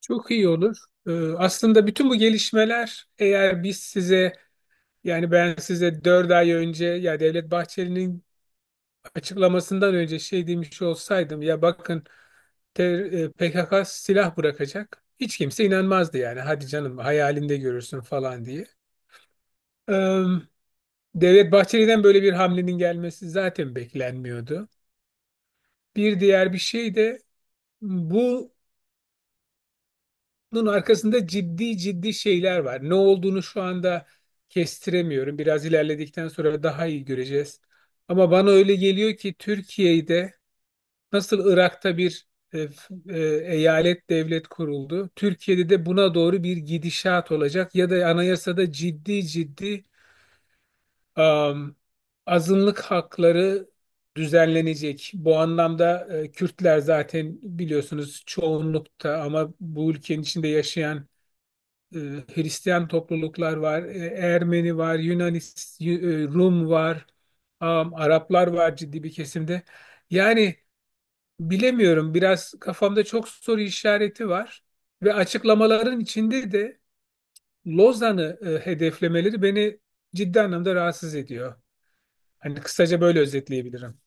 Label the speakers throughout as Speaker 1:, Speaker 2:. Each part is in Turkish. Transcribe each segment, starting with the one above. Speaker 1: Çok iyi olur. Ee, aslında bütün bu gelişmeler eğer biz size yani ben size 4 ay önce ya Devlet Bahçeli'nin açıklamasından önce şey demiş olsaydım ya bakın PKK silah bırakacak. Hiç kimse inanmazdı yani hadi canım hayalinde görürsün falan diye. Ee, Devlet Bahçeli'den böyle bir hamlenin gelmesi zaten beklenmiyordu. Bir diğer bir şey de bu bunun arkasında ciddi ciddi şeyler var. Ne olduğunu şu anda kestiremiyorum. Biraz ilerledikten sonra daha iyi göreceğiz. Ama bana öyle geliyor ki Türkiye'de nasıl Irak'ta bir e, eyalet devlet kuruldu. Türkiye'de de buna doğru bir gidişat olacak ya da anayasada ciddi ciddi am, azınlık hakları düzenlenecek. Bu anlamda Kürtler zaten biliyorsunuz çoğunlukta ama bu ülkenin içinde yaşayan e, Hristiyan topluluklar var, Ermeni var, Rum var, Araplar var ciddi bir kesimde. Yani bilemiyorum, biraz kafamda çok soru işareti var ve açıklamaların içinde de Lozan'ı hedeflemeleri beni ciddi anlamda rahatsız ediyor. Hani kısaca böyle özetleyebilirim.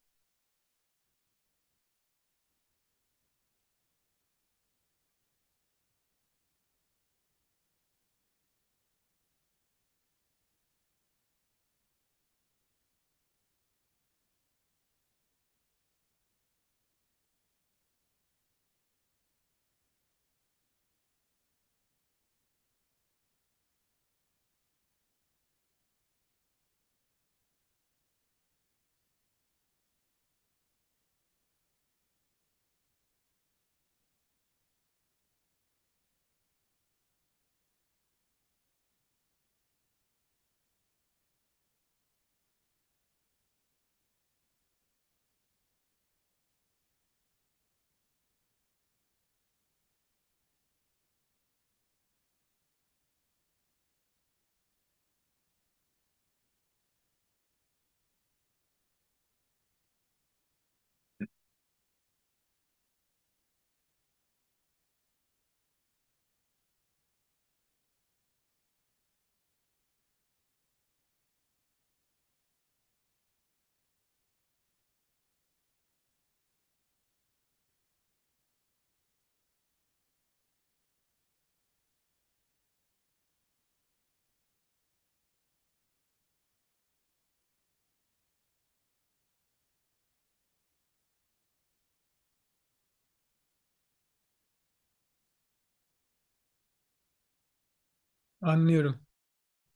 Speaker 1: Anlıyorum,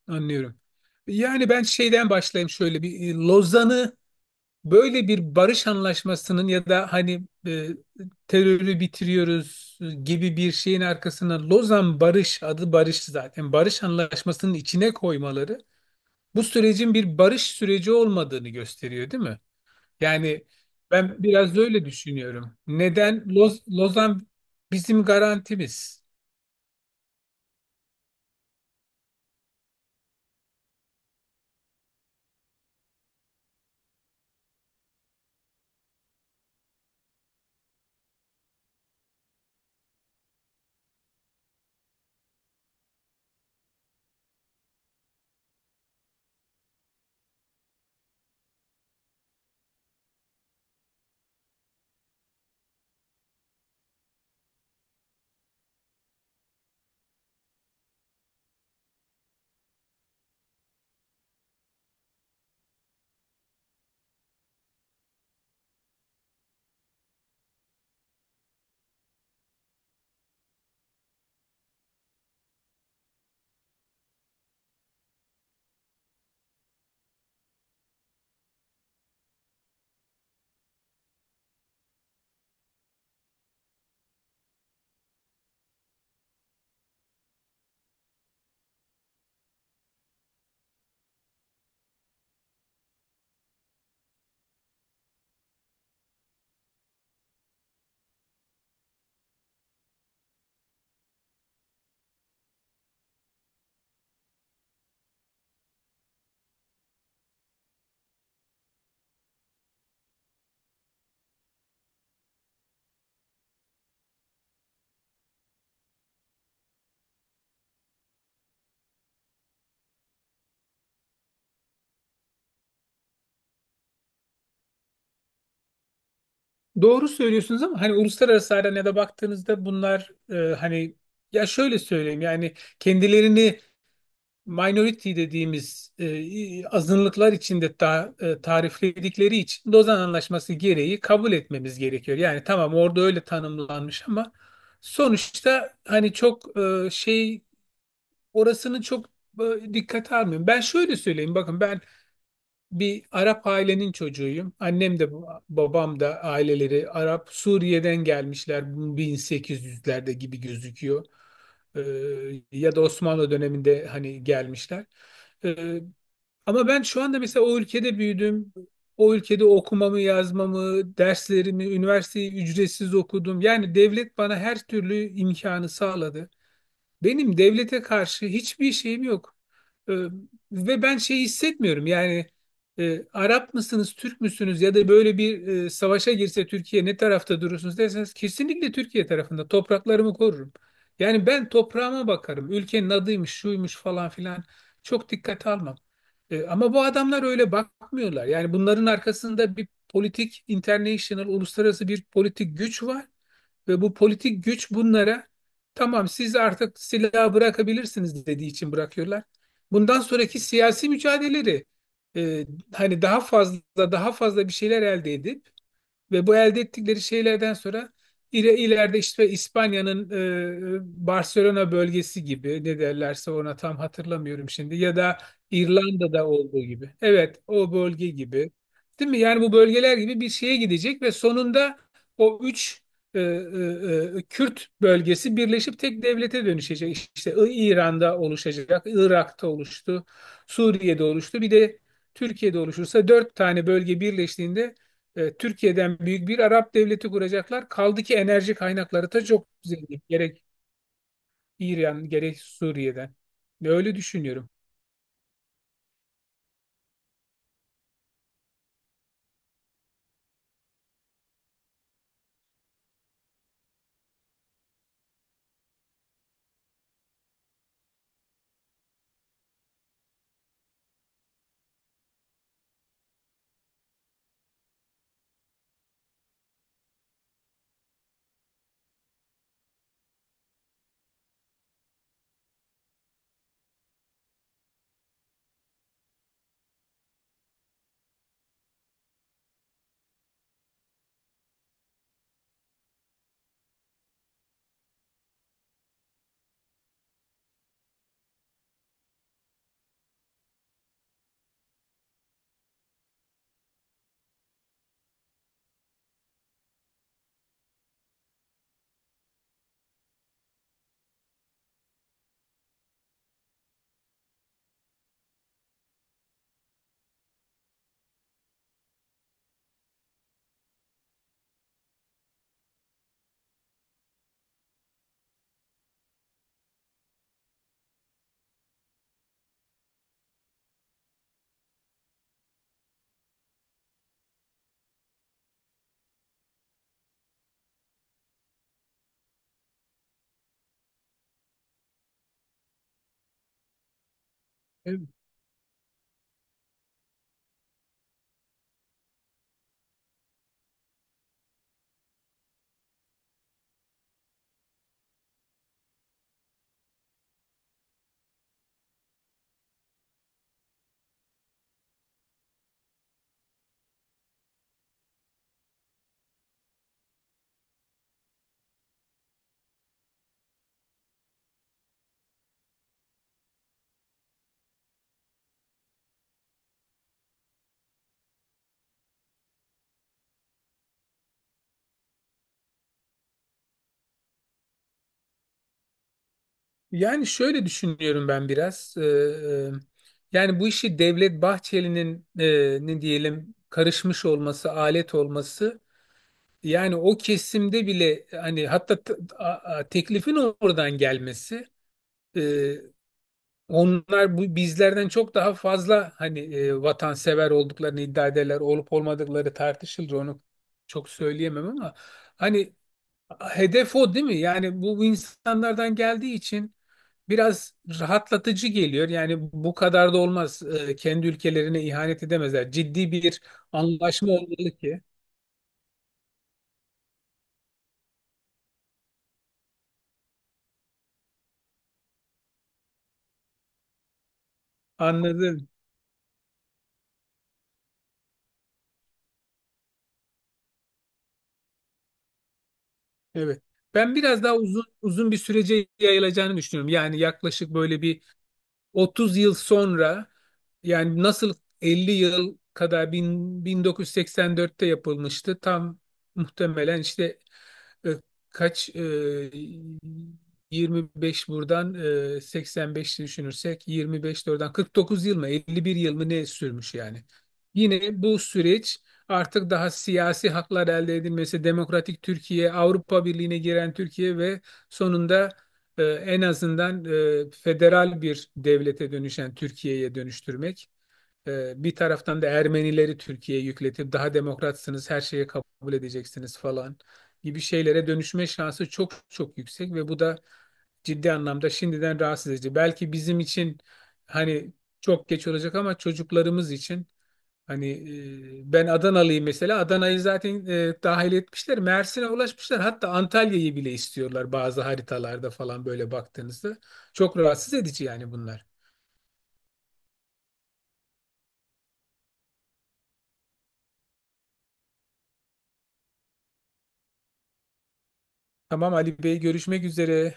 Speaker 1: anlıyorum. Yani ben şeyden başlayayım, şöyle bir Lozan'ı, böyle bir barış anlaşmasının ya da hani terörü bitiriyoruz gibi bir şeyin arkasına Lozan Barış adı, barış zaten, barış anlaşmasının içine koymaları bu sürecin bir barış süreci olmadığını gösteriyor, değil mi? Yani ben biraz öyle düşünüyorum. Neden Lozan bizim garantimiz? Doğru söylüyorsunuz ama hani uluslararası arenaya baktığınızda bunlar hani, ya şöyle söyleyeyim, yani kendilerini minority dediğimiz azınlıklar içinde tarifledikleri için Lozan Anlaşması gereği kabul etmemiz gerekiyor. Yani tamam orada öyle tanımlanmış ama sonuçta hani çok orasını çok dikkate almıyorum. Ben şöyle söyleyeyim, bakın ben bir Arap ailenin çocuğuyum. Annem de babam da aileleri Arap, Suriye'den gelmişler 1800'lerde gibi gözüküyor. Ee, ya da Osmanlı döneminde hani gelmişler. Ee, ama ben şu anda mesela o ülkede büyüdüm. O ülkede okumamı, yazmamı, derslerimi, üniversiteyi ücretsiz okudum. Yani devlet bana her türlü imkanı sağladı. Benim devlete karşı hiçbir şeyim yok. Ee, ve ben şey hissetmiyorum, yani Arap mısınız, Türk müsünüz ya da böyle bir savaşa girse Türkiye ne tarafta durursunuz derseniz kesinlikle Türkiye tarafında topraklarımı korurum. Yani ben toprağıma bakarım. Ülkenin adıymış, şuymuş falan filan, çok dikkate almam. Ama bu adamlar öyle bakmıyorlar. Yani bunların arkasında bir politik, international, uluslararası bir politik güç var. Ve bu politik güç bunlara tamam siz artık silahı bırakabilirsiniz dediği için bırakıyorlar. Bundan sonraki siyasi mücadeleleri e, hani daha fazla daha fazla bir şeyler elde edin. Ve bu elde ettikleri şeylerden sonra ileride işte İspanya'nın Barcelona bölgesi gibi, ne derlerse ona, tam hatırlamıyorum şimdi, ya da İrlanda'da olduğu gibi. Evet, o bölge gibi. Değil mi? Yani bu bölgeler gibi bir şeye gidecek ve sonunda o üç Kürt bölgesi birleşip tek devlete dönüşecek. İşte İran'da oluşacak, Irak'ta oluştu, Suriye'de oluştu. Bir de Türkiye'de oluşursa dört tane bölge birleştiğinde Türkiye'den büyük bir Arap devleti kuracaklar. Kaldı ki enerji kaynakları da çok zengin. Gerek İran, gerek Suriye'den. Ve öyle düşünüyorum. E, Yani şöyle düşünüyorum ben biraz. Yani bu işi Devlet Bahçeli'nin ne diyelim karışmış olması, alet olması, yani o kesimde bile hani, hatta teklifin oradan gelmesi. e, Onlar bu bizlerden çok daha fazla hani vatansever olduklarını iddia ederler. Olup olmadıkları tartışılır. Onu çok söyleyemem ama hani hedef o değil mi? Yani bu, bu insanlardan geldiği için biraz rahatlatıcı geliyor. Yani bu kadar da olmaz. Kendi ülkelerine ihanet edemezler. Ciddi bir anlaşma olmalı ki. Anladım. Evet. Ben biraz daha uzun uzun bir sürece yayılacağını düşünüyorum. Yani yaklaşık böyle bir 30 yıl sonra, yani nasıl 50 yıl kadar, 1984'te yapılmıştı. Tam muhtemelen işte e, kaç 25 buradan, 85 düşünürsek, 25 de oradan, 49 yıl mı 51 yıl mı ne sürmüş yani. Yine bu süreç artık daha siyasi haklar elde edilmesi, demokratik Türkiye, Avrupa Birliği'ne giren Türkiye ve sonunda en azından federal bir devlete dönüşen Türkiye'ye dönüştürmek. Bir taraftan da Ermenileri Türkiye'ye yükletip daha demokratsınız, her şeye kabul edeceksiniz falan gibi şeylere dönüşme şansı çok çok yüksek ve bu da ciddi anlamda şimdiden rahatsız edici. Belki bizim için hani çok geç olacak ama çocuklarımız için. Hani ben Adanalıyım mesela. Adana'yı zaten dahil etmişler. Mersin'e ulaşmışlar. Hatta Antalya'yı bile istiyorlar, bazı haritalarda falan böyle baktığınızda. Çok rahatsız edici yani bunlar. Tamam Ali Bey, görüşmek üzere.